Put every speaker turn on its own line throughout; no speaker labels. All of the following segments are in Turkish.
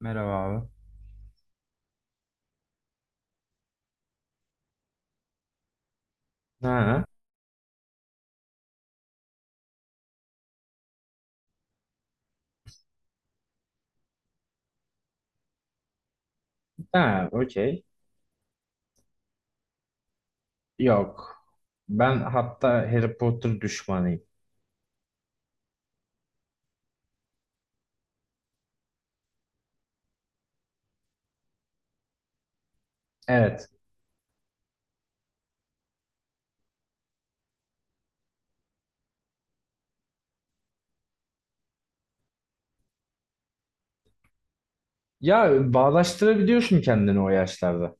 Merhaba abi. Ha, ha, okey. Yok. Ben hatta Harry Potter düşmanıyım. Evet. Ya bağdaştırabiliyorsun kendini o yaşlarda.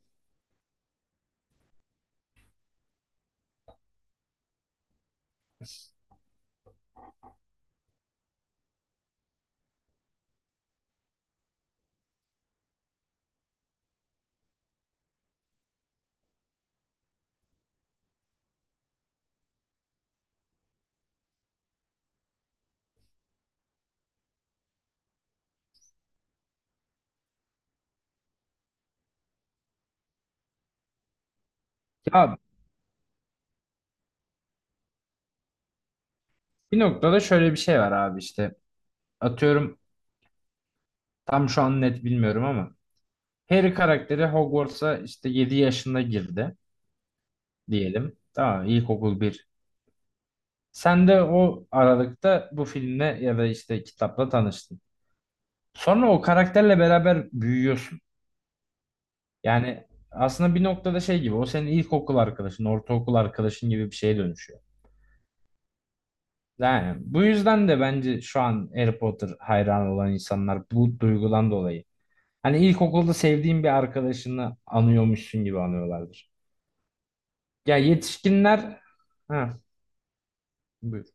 Ya bir noktada şöyle bir şey var abi işte. Atıyorum tam şu an net bilmiyorum ama Harry karakteri Hogwarts'a işte 7 yaşında girdi diyelim. Tamam ilkokul bir. Sen de o aralıkta bu filmle ya da işte kitapla tanıştın. Sonra o karakterle beraber büyüyorsun. Yani aslında bir noktada şey gibi o senin ilkokul arkadaşın, ortaokul arkadaşın gibi bir şeye dönüşüyor. Yani bu yüzden de bence şu an Harry Potter hayranı olan insanlar bu duygudan dolayı. Hani ilkokulda sevdiğin bir arkadaşını anıyormuşsun gibi anıyorlardır. Ya yetişkinler ha, buyur.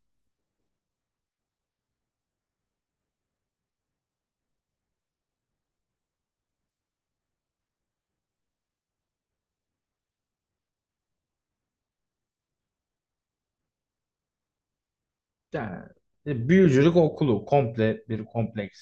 Yani, büyücülük okulu komple bir kompleks.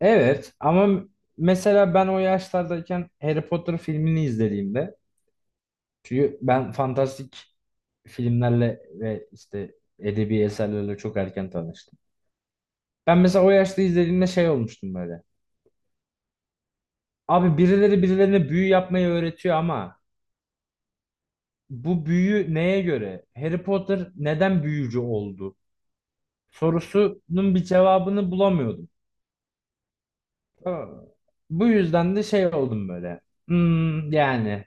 Evet ama mesela ben o yaşlardayken Harry Potter filmini izlediğimde çünkü ben fantastik filmlerle ve işte edebi eserlerle çok erken tanıştım. Ben mesela o yaşta izlediğimde şey olmuştum böyle. Abi birileri birilerine büyü yapmayı öğretiyor ama bu büyü neye göre? Harry Potter neden büyücü oldu? Sorusunun bir cevabını bulamıyordum. Tamam mı? Bu yüzden de şey oldum böyle. Hmm, yani.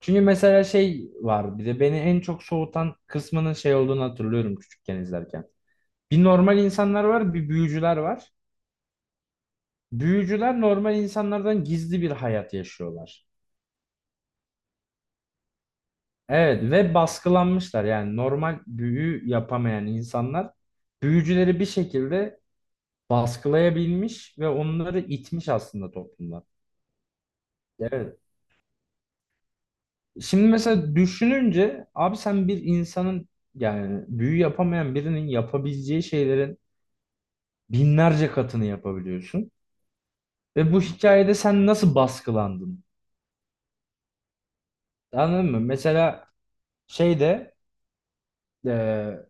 Çünkü mesela şey var bir de beni en çok soğutan kısmının şey olduğunu hatırlıyorum küçükken izlerken. Bir normal insanlar var, bir büyücüler var. Büyücüler normal insanlardan gizli bir hayat yaşıyorlar. Evet ve baskılanmışlar yani normal büyü yapamayan insanlar büyücüleri bir şekilde baskılayabilmiş ve onları itmiş aslında toplumlar. Evet. Şimdi mesela düşününce abi sen bir insanın yani büyü yapamayan birinin yapabileceği şeylerin binlerce katını yapabiliyorsun. Ve bu hikayede sen nasıl baskılandın? Anladın mı? Mesela şeyde e,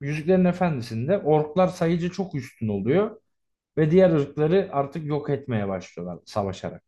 Yüzüklerin Efendisi'nde orklar sayıca çok üstün oluyor ve diğer ırkları artık yok etmeye başlıyorlar savaşarak.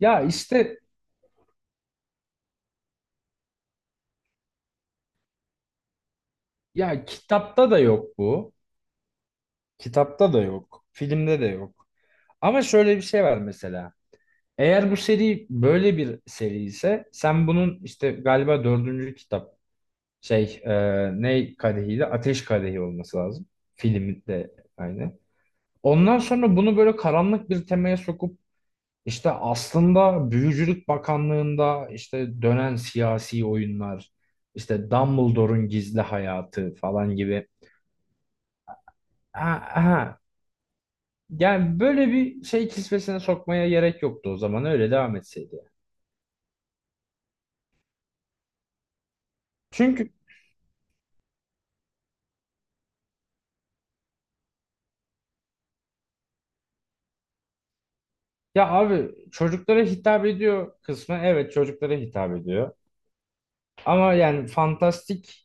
Ya işte ya kitapta da yok bu. Kitapta da yok. Filmde de yok. Ama şöyle bir şey var mesela. Eğer bu seri böyle bir seri ise sen bunun işte galiba dördüncü kitap şey ne kadehiydi? Ateş Kadehi olması lazım. Filmi de aynı. Ondan sonra bunu böyle karanlık bir temaya sokup İşte aslında Büyücülük Bakanlığı'nda işte dönen siyasi oyunlar, işte Dumbledore'un gizli hayatı falan gibi. Aha, aha. Yani böyle bir şey kisvesine sokmaya gerek yoktu o zaman öyle devam etseydi. Çünkü ya abi çocuklara hitap ediyor kısmı, evet çocuklara hitap ediyor. Ama yani fantastik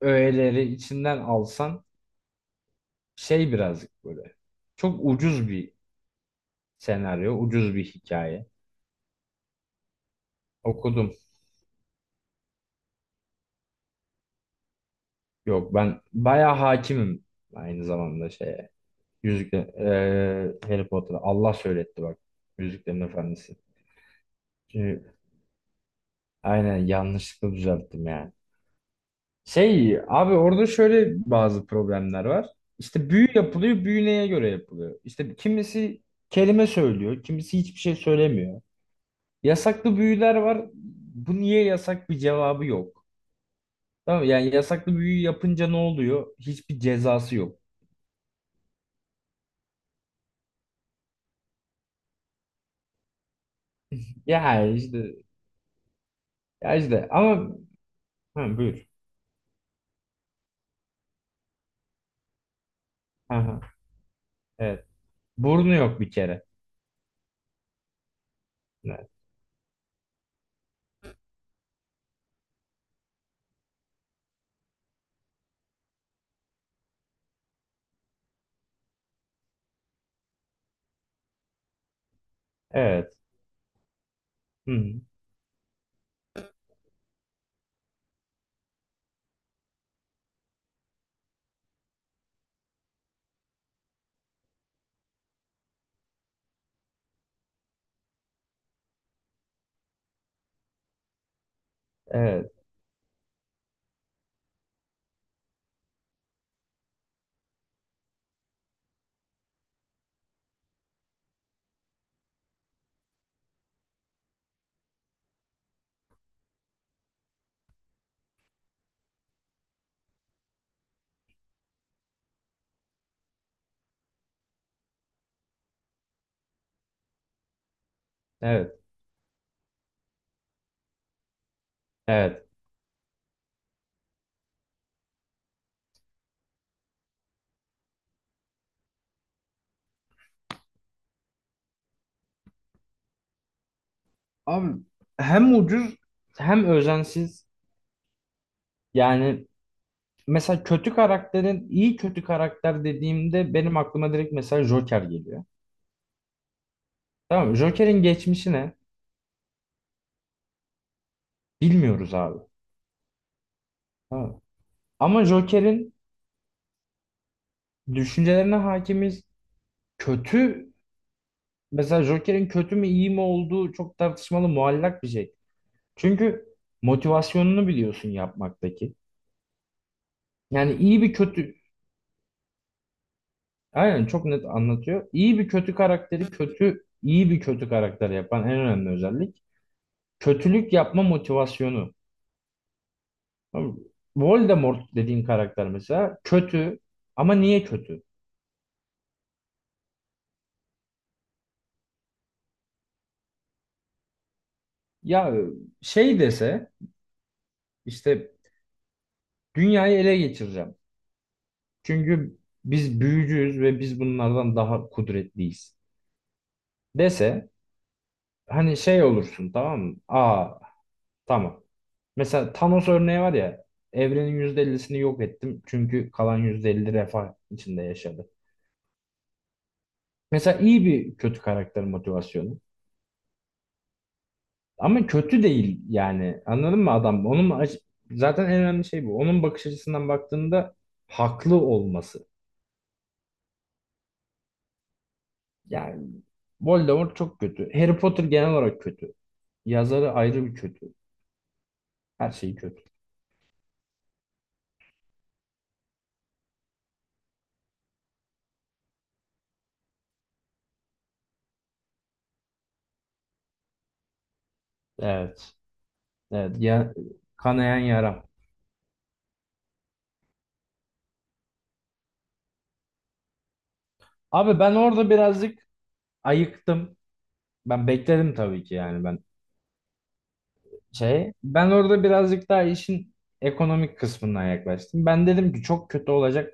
öğeleri içinden alsan şey birazcık böyle. Çok ucuz bir senaryo, ucuz bir hikaye. Okudum. Yok ben bayağı hakimim aynı zamanda şeye. Yüzükle Harry Potter'a Allah söyletti bak. Yüzüklerin Efendisi. Çünkü aynen yanlışlıkla düzelttim yani. Şey abi orada şöyle bazı problemler var. İşte büyü yapılıyor, büyü neye göre yapılıyor? İşte kimisi kelime söylüyor, kimisi hiçbir şey söylemiyor. Yasaklı büyüler var. Bu niye yasak bir cevabı yok. Tamam mı? Yani yasaklı büyü yapınca ne oluyor? Hiçbir cezası yok. Yani işte. Ya işte ama. Hı, buyur. Hı hı, evet. Burnu yok bir kere. Evet. Evet. Hı hı, evet. Evet. Evet. Abi hem ucuz hem özensiz. Yani mesela kötü karakterin, iyi kötü karakter dediğimde benim aklıma direkt mesela Joker geliyor. Tamam mı? Joker'in geçmişi ne? Bilmiyoruz abi. Tamam mı? Ama Joker'in düşüncelerine hakimiz. Kötü, mesela Joker'in kötü mü iyi mi olduğu çok tartışmalı muallak bir şey. Çünkü motivasyonunu biliyorsun yapmaktaki. Yani iyi bir kötü, aynen çok net anlatıyor. İyi bir kötü karakteri kötü, iyi bir kötü karakter yapan en önemli özellik kötülük yapma motivasyonu. Tamam mı? Voldemort dediğin karakter mesela kötü ama niye kötü? Ya şey dese işte dünyayı ele geçireceğim. Çünkü biz büyücüyüz ve biz bunlardan daha kudretliyiz dese, hani şey olursun tamam mı? Aa, tamam. Mesela Thanos örneği var ya, evrenin %50'sini yok ettim çünkü kalan %50 refah içinde yaşadı. Mesela iyi bir kötü karakter motivasyonu. Ama kötü değil yani anladın mı adam? Zaten en önemli şey bu. Onun bakış açısından baktığında haklı olması. Yani Voldemort çok kötü. Harry Potter genel olarak kötü. Yazarı ayrı bir kötü. Her şey kötü. Evet. Evet. Ya, kanayan yaram. Abi ben orada birazcık ayıktım. Ben bekledim tabii ki yani, ben şey. Ben orada birazcık daha işin ekonomik kısmından yaklaştım. Ben dedim ki çok kötü olacak.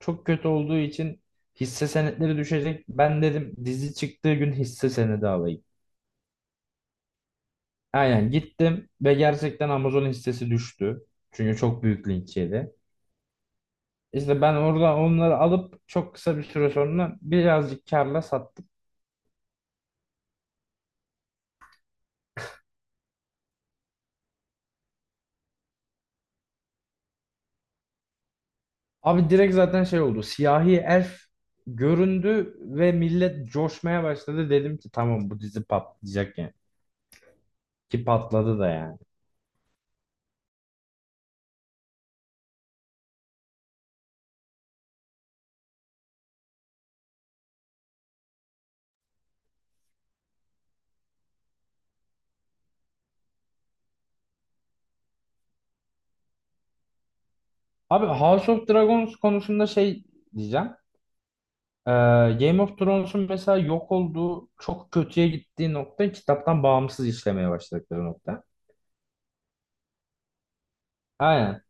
Çok kötü olduğu için hisse senetleri düşecek. Ben dedim dizi çıktığı gün hisse senedi alayım. Aynen gittim ve gerçekten Amazon hissesi düştü. Çünkü çok büyük linç yedi. İşte ben orada onları alıp çok kısa bir süre sonra birazcık karla sattım. Abi direkt zaten şey oldu. Siyahi Elf göründü ve millet coşmaya başladı. Dedim ki tamam, bu dizi patlayacak yani. Ki patladı da yani. Abi House of Dragons konusunda şey diyeceğim. Ee, Game of Thrones'un mesela yok olduğu, çok kötüye gittiği nokta kitaptan bağımsız işlemeye başladıkları nokta. Aynen.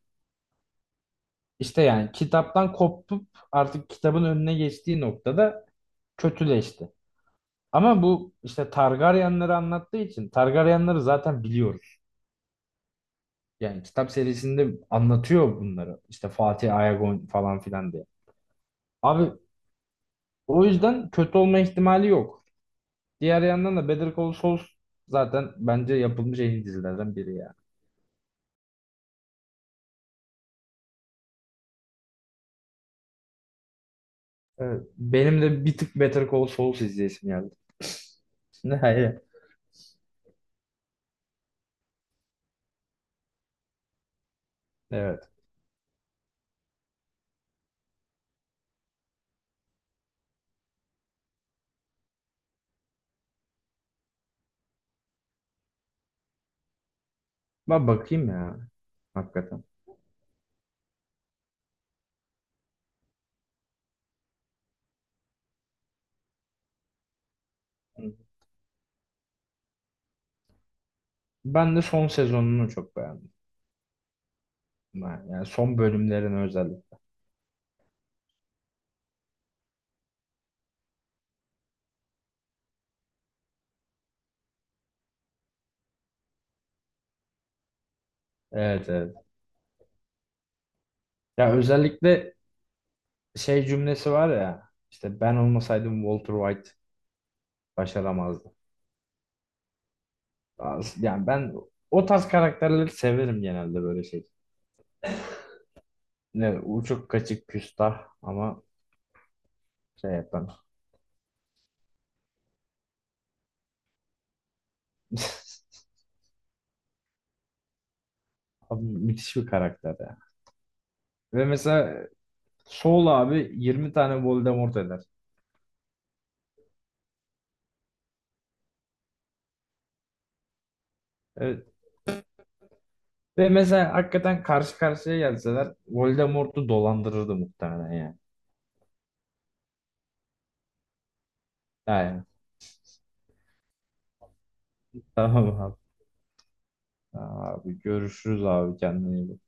İşte yani kitaptan kopup artık kitabın önüne geçtiği noktada kötüleşti. Ama bu işte Targaryenleri anlattığı için Targaryenleri zaten biliyoruz. Yani kitap serisinde anlatıyor bunları. İşte Fatih Ayagon falan filan diye. Abi o yüzden kötü olma ihtimali yok. Diğer yandan da Better Call Saul zaten bence yapılmış en iyi dizilerden biri ya. Evet. Benim de bir tık Better Call Saul izleyesim geldi. Şimdi hayır. Evet. Ben bakayım ya. Hakikaten. Ben de son sezonunu çok beğendim. Yani son bölümlerini özellikle. Evet, evet. Ya özellikle şey cümlesi var ya. İşte ben olmasaydım Walter White başaramazdı. Yani ben o tarz karakterleri severim genelde, böyle şey. Ne uçuk kaçık küstah ama şey yapan. Abi müthiş bir karakter ya. Ve mesela Saul abi 20 tane Voldemort eder. Evet. Ve mesela hakikaten karşı karşıya gelseler Voldemort'u dolandırırdı muhtemelen yani. Yani tamam abi. Tamam abi, görüşürüz abi, kendine iyi bak.